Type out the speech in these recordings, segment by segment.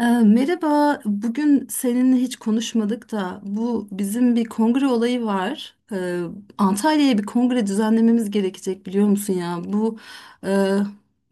Merhaba, bugün seninle hiç konuşmadık da bu bizim bir kongre olayı var. Antalya'ya bir kongre düzenlememiz gerekecek, biliyor musun ya? E,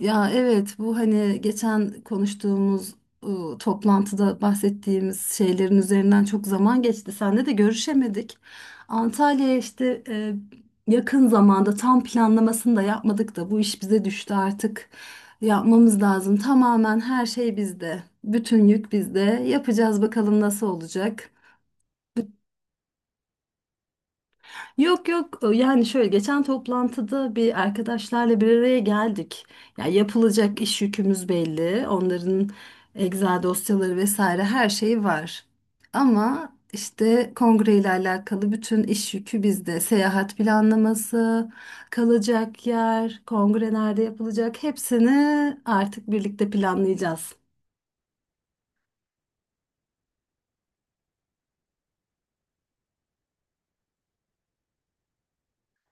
ya evet, bu hani geçen konuştuğumuz e, toplantıda bahsettiğimiz şeylerin üzerinden çok zaman geçti. Seninle de görüşemedik. Antalya'ya işte yakın zamanda, tam planlamasını da yapmadık da bu iş bize düştü artık. Yapmamız lazım. Tamamen her şey bizde. Bütün yük bizde. Yapacağız, bakalım nasıl olacak. Yok yok, yani şöyle, geçen toplantıda bir arkadaşlarla bir araya geldik. Ya, yapılacak iş yükümüz belli. Onların Excel dosyaları vesaire her şeyi var. Ama işte kongre ile alakalı bütün iş yükü bizde. Seyahat planlaması, kalacak yer, kongre nerede yapılacak, hepsini artık birlikte planlayacağız.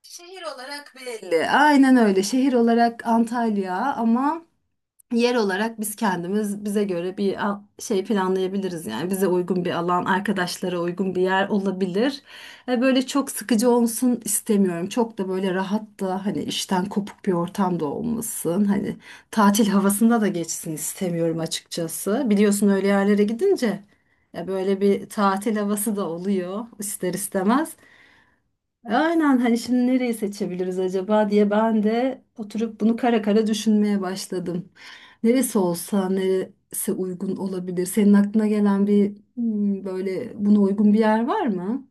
Şehir olarak belli. Aynen öyle. Şehir olarak Antalya ama yer olarak biz kendimiz, bize göre bir şey planlayabiliriz. Yani bize uygun bir alan, arkadaşlara uygun bir yer olabilir. Böyle çok sıkıcı olsun istemiyorum. Çok da böyle rahat da, hani işten kopuk bir ortam da olmasın. Hani tatil havasında da geçsin istemiyorum açıkçası. Biliyorsun, öyle yerlere gidince ya böyle bir tatil havası da oluyor ister istemez. Aynen. Hani şimdi nereyi seçebiliriz acaba diye ben de oturup bunu kara kara düşünmeye başladım. Neresi olsa, neresi uygun olabilir? Senin aklına gelen, bir böyle buna uygun bir yer var mı?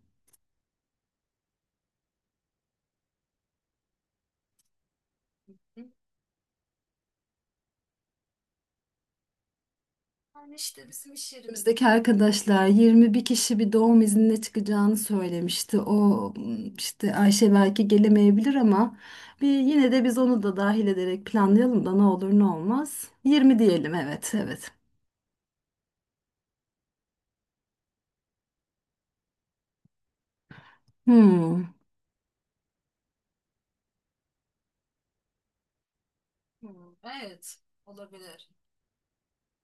Yani işte bizim iş yerimizdeki arkadaşlar 21 kişi, bir doğum iznine çıkacağını söylemişti. O işte Ayşe belki gelemeyebilir ama bir yine de biz onu da dahil ederek planlayalım da, ne olur ne olmaz. 20 diyelim, evet evet. Hmm. Hmm, evet, olabilir.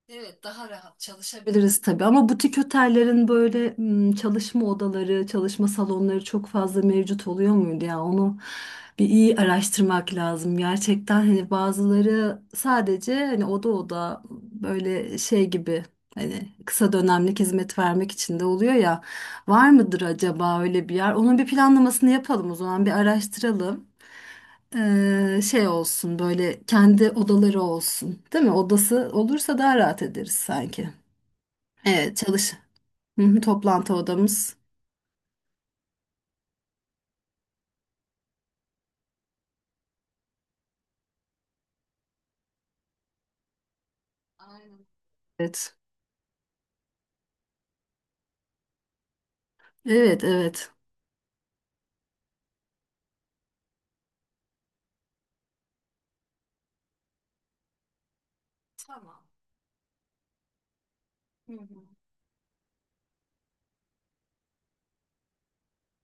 Evet, daha rahat çalışabiliriz tabii ama butik otellerin böyle çalışma odaları, çalışma salonları çok fazla mevcut oluyor muydu ya? Onu bir iyi araştırmak lazım. Gerçekten hani bazıları sadece, hani oda oda böyle şey gibi, hani kısa dönemlik hizmet vermek için de oluyor ya. Var mıdır acaba öyle bir yer? Onun bir planlamasını yapalım o zaman, bir araştıralım. Şey olsun, böyle kendi odaları olsun, değil mi? Odası olursa daha rahat ederiz sanki. Evet, çalış. Hı hı, toplantı odamız. Evet. Evet evet.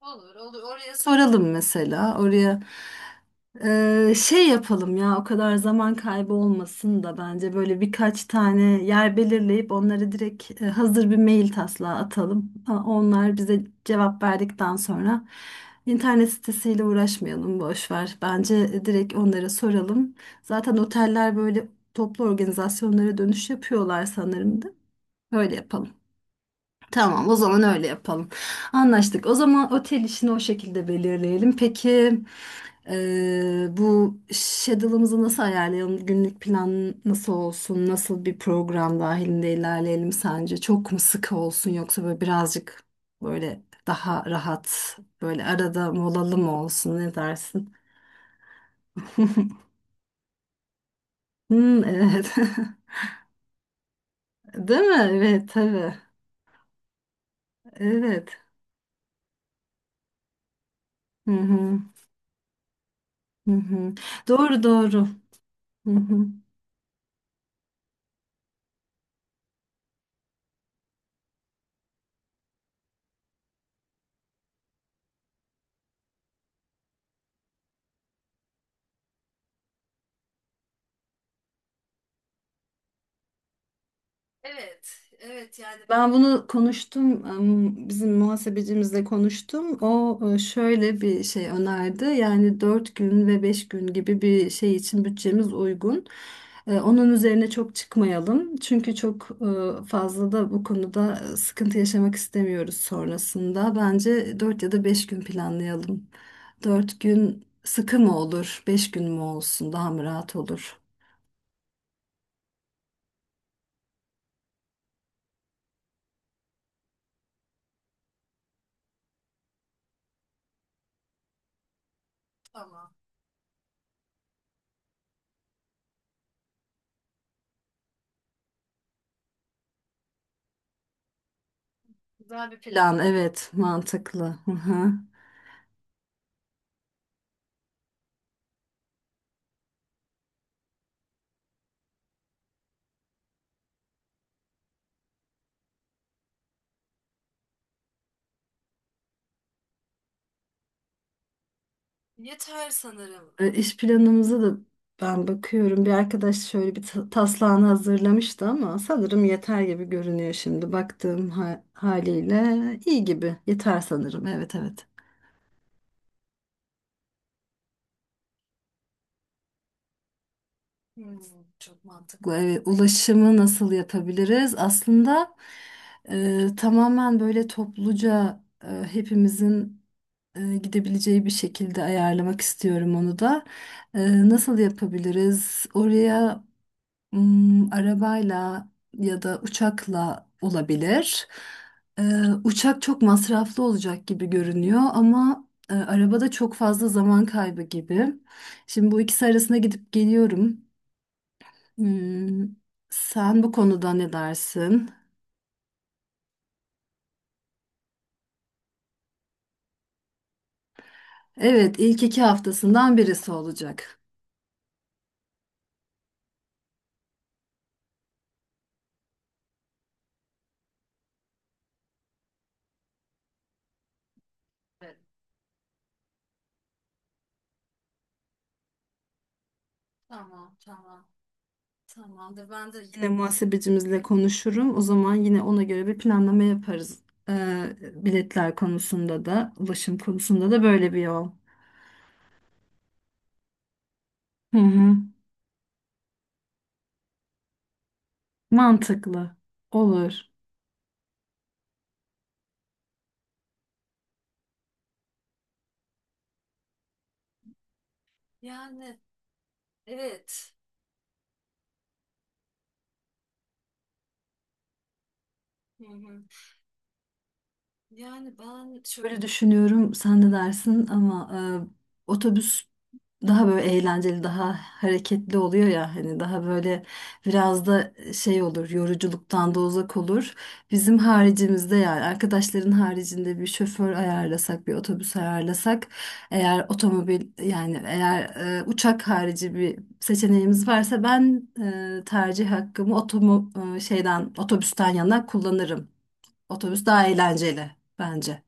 Olur, olur. Oraya soralım mesela. Oraya şey yapalım ya, o kadar zaman kaybı olmasın da. Bence böyle birkaç tane yer belirleyip onları direkt hazır bir mail taslağı atalım. Ha, onlar bize cevap verdikten sonra internet sitesiyle uğraşmayalım, boş ver. Bence direkt onlara soralım. Zaten oteller böyle toplu organizasyonlara dönüş yapıyorlar sanırım da. Öyle yapalım. Tamam, o zaman öyle yapalım. Anlaştık. O zaman otel işini o şekilde belirleyelim. Peki bu schedule'ımızı nasıl ayarlayalım? Günlük plan nasıl olsun? Nasıl bir program dahilinde ilerleyelim sence? Çok mu sıkı olsun, yoksa böyle birazcık böyle daha rahat, böyle arada molalı mı olsun? Ne dersin? Hmm, evet. Değil mi? Evet, tabii. Evet. Hı hı, hı hı. Doğru, doğru. Hı hı. Evet, yani ben bunu konuştum, bizim muhasebecimizle konuştum. O şöyle bir şey önerdi. Yani 4 gün ve 5 gün gibi bir şey için bütçemiz uygun. Onun üzerine çok çıkmayalım, çünkü çok fazla da bu konuda sıkıntı yaşamak istemiyoruz sonrasında. Bence 4 ya da 5 gün planlayalım. Dört gün sıkı mı olur, 5 gün mü olsun daha mı rahat olur? Güzel bir plan, evet, mantıklı. Hı hı. Yeter sanırım. İş planımıza da ben bakıyorum. Bir arkadaş şöyle bir taslağını hazırlamıştı ama sanırım yeter gibi görünüyor şimdi. Baktığım haliyle iyi gibi. Yeter sanırım. Evet evet. Hmm, Çok bu, mantıklı. Evet, ulaşımı nasıl yapabiliriz? Aslında tamamen böyle topluca hepimizin gidebileceği bir şekilde ayarlamak istiyorum onu da. Nasıl yapabiliriz oraya? Arabayla ya da uçakla olabilir. Ee, Uçak çok masraflı olacak gibi görünüyor ama arabada çok fazla zaman kaybı gibi. Şimdi bu ikisi arasında gidip geliyorum. Hmm, Sen bu konuda ne dersin? Evet, ilk iki haftasından birisi olacak. Tamam, tamam. Tamamdır. Ben de yine muhasebecimizle konuşurum. O zaman yine ona göre bir planlama yaparız. Biletler konusunda da, ulaşım konusunda da böyle bir yol. Hı hı. Mantıklı. Olur. Yani ben şöyle düşünüyorum, sen ne dersin ama otobüs daha böyle eğlenceli, daha hareketli oluyor ya. Hani daha böyle biraz da şey olur, yoruculuktan da uzak olur. Bizim haricimizde, yani arkadaşların haricinde bir şoför ayarlasak, bir otobüs ayarlasak, eğer otomobil, yani eğer uçak harici bir seçeneğimiz varsa, ben tercih hakkımı otomo e, şeyden otobüsten yana kullanırım. Otobüs daha eğlenceli bence.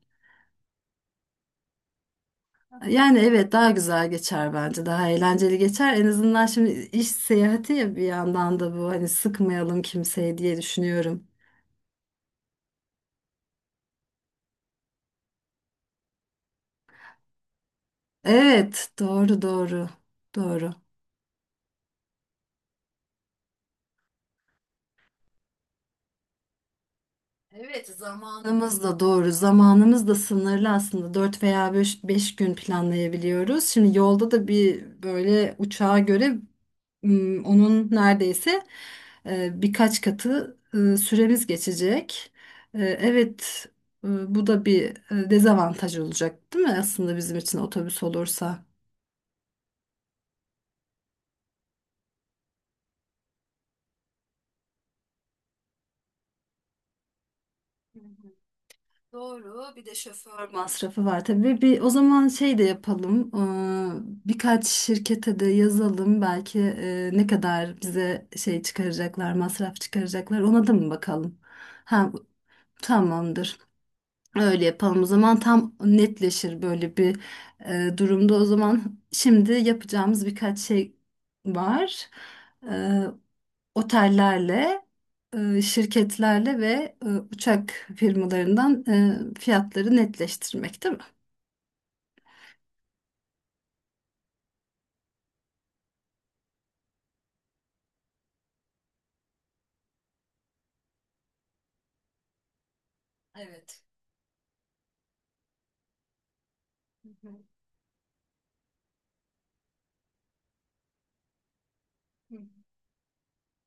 Yani evet, daha güzel geçer bence. Daha eğlenceli geçer. En azından şimdi iş seyahati ya, bir yandan da bu, hani sıkmayalım kimseyi diye düşünüyorum. Evet, doğru doğru. Doğru. Evet, zamanımız da doğru. Zamanımız da sınırlı aslında. 4 veya 5 gün planlayabiliyoruz. Şimdi yolda da bir böyle, uçağa göre onun neredeyse birkaç katı süremiz geçecek. Evet, bu da bir dezavantaj olacak, değil mi? Aslında bizim için otobüs olursa. Doğru. Bir de şoför masrafı var tabii. Bir, o zaman şey de yapalım. Birkaç şirkete de yazalım. Belki ne kadar bize şey çıkaracaklar, masraf çıkaracaklar. Ona da mı bakalım? Ha, tamamdır. Öyle yapalım o zaman, tam netleşir böyle bir durumda. O zaman şimdi yapacağımız birkaç şey var. E, Otellerle, şirketlerle ve uçak firmalarından fiyatları netleştirmek, değil mi? Evet.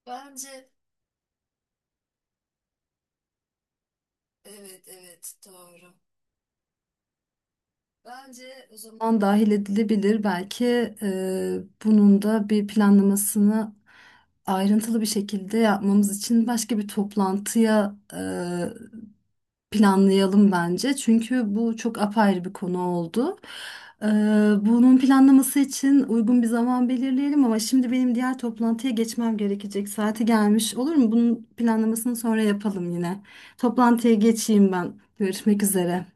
Bence evet evet, doğru. Bence o zaman dahil edilebilir. Belki e, bunun da bir planlamasını ayrıntılı bir şekilde yapmamız için başka bir toplantıya planlayalım bence. Çünkü bu çok apayrı bir konu oldu. E, Bunun planlaması için uygun bir zaman belirleyelim ama şimdi benim diğer toplantıya geçmem gerekecek. Saati gelmiş, olur mu? Bunun planlamasını sonra yapalım yine. Toplantıya geçeyim ben. Görüşmek üzere.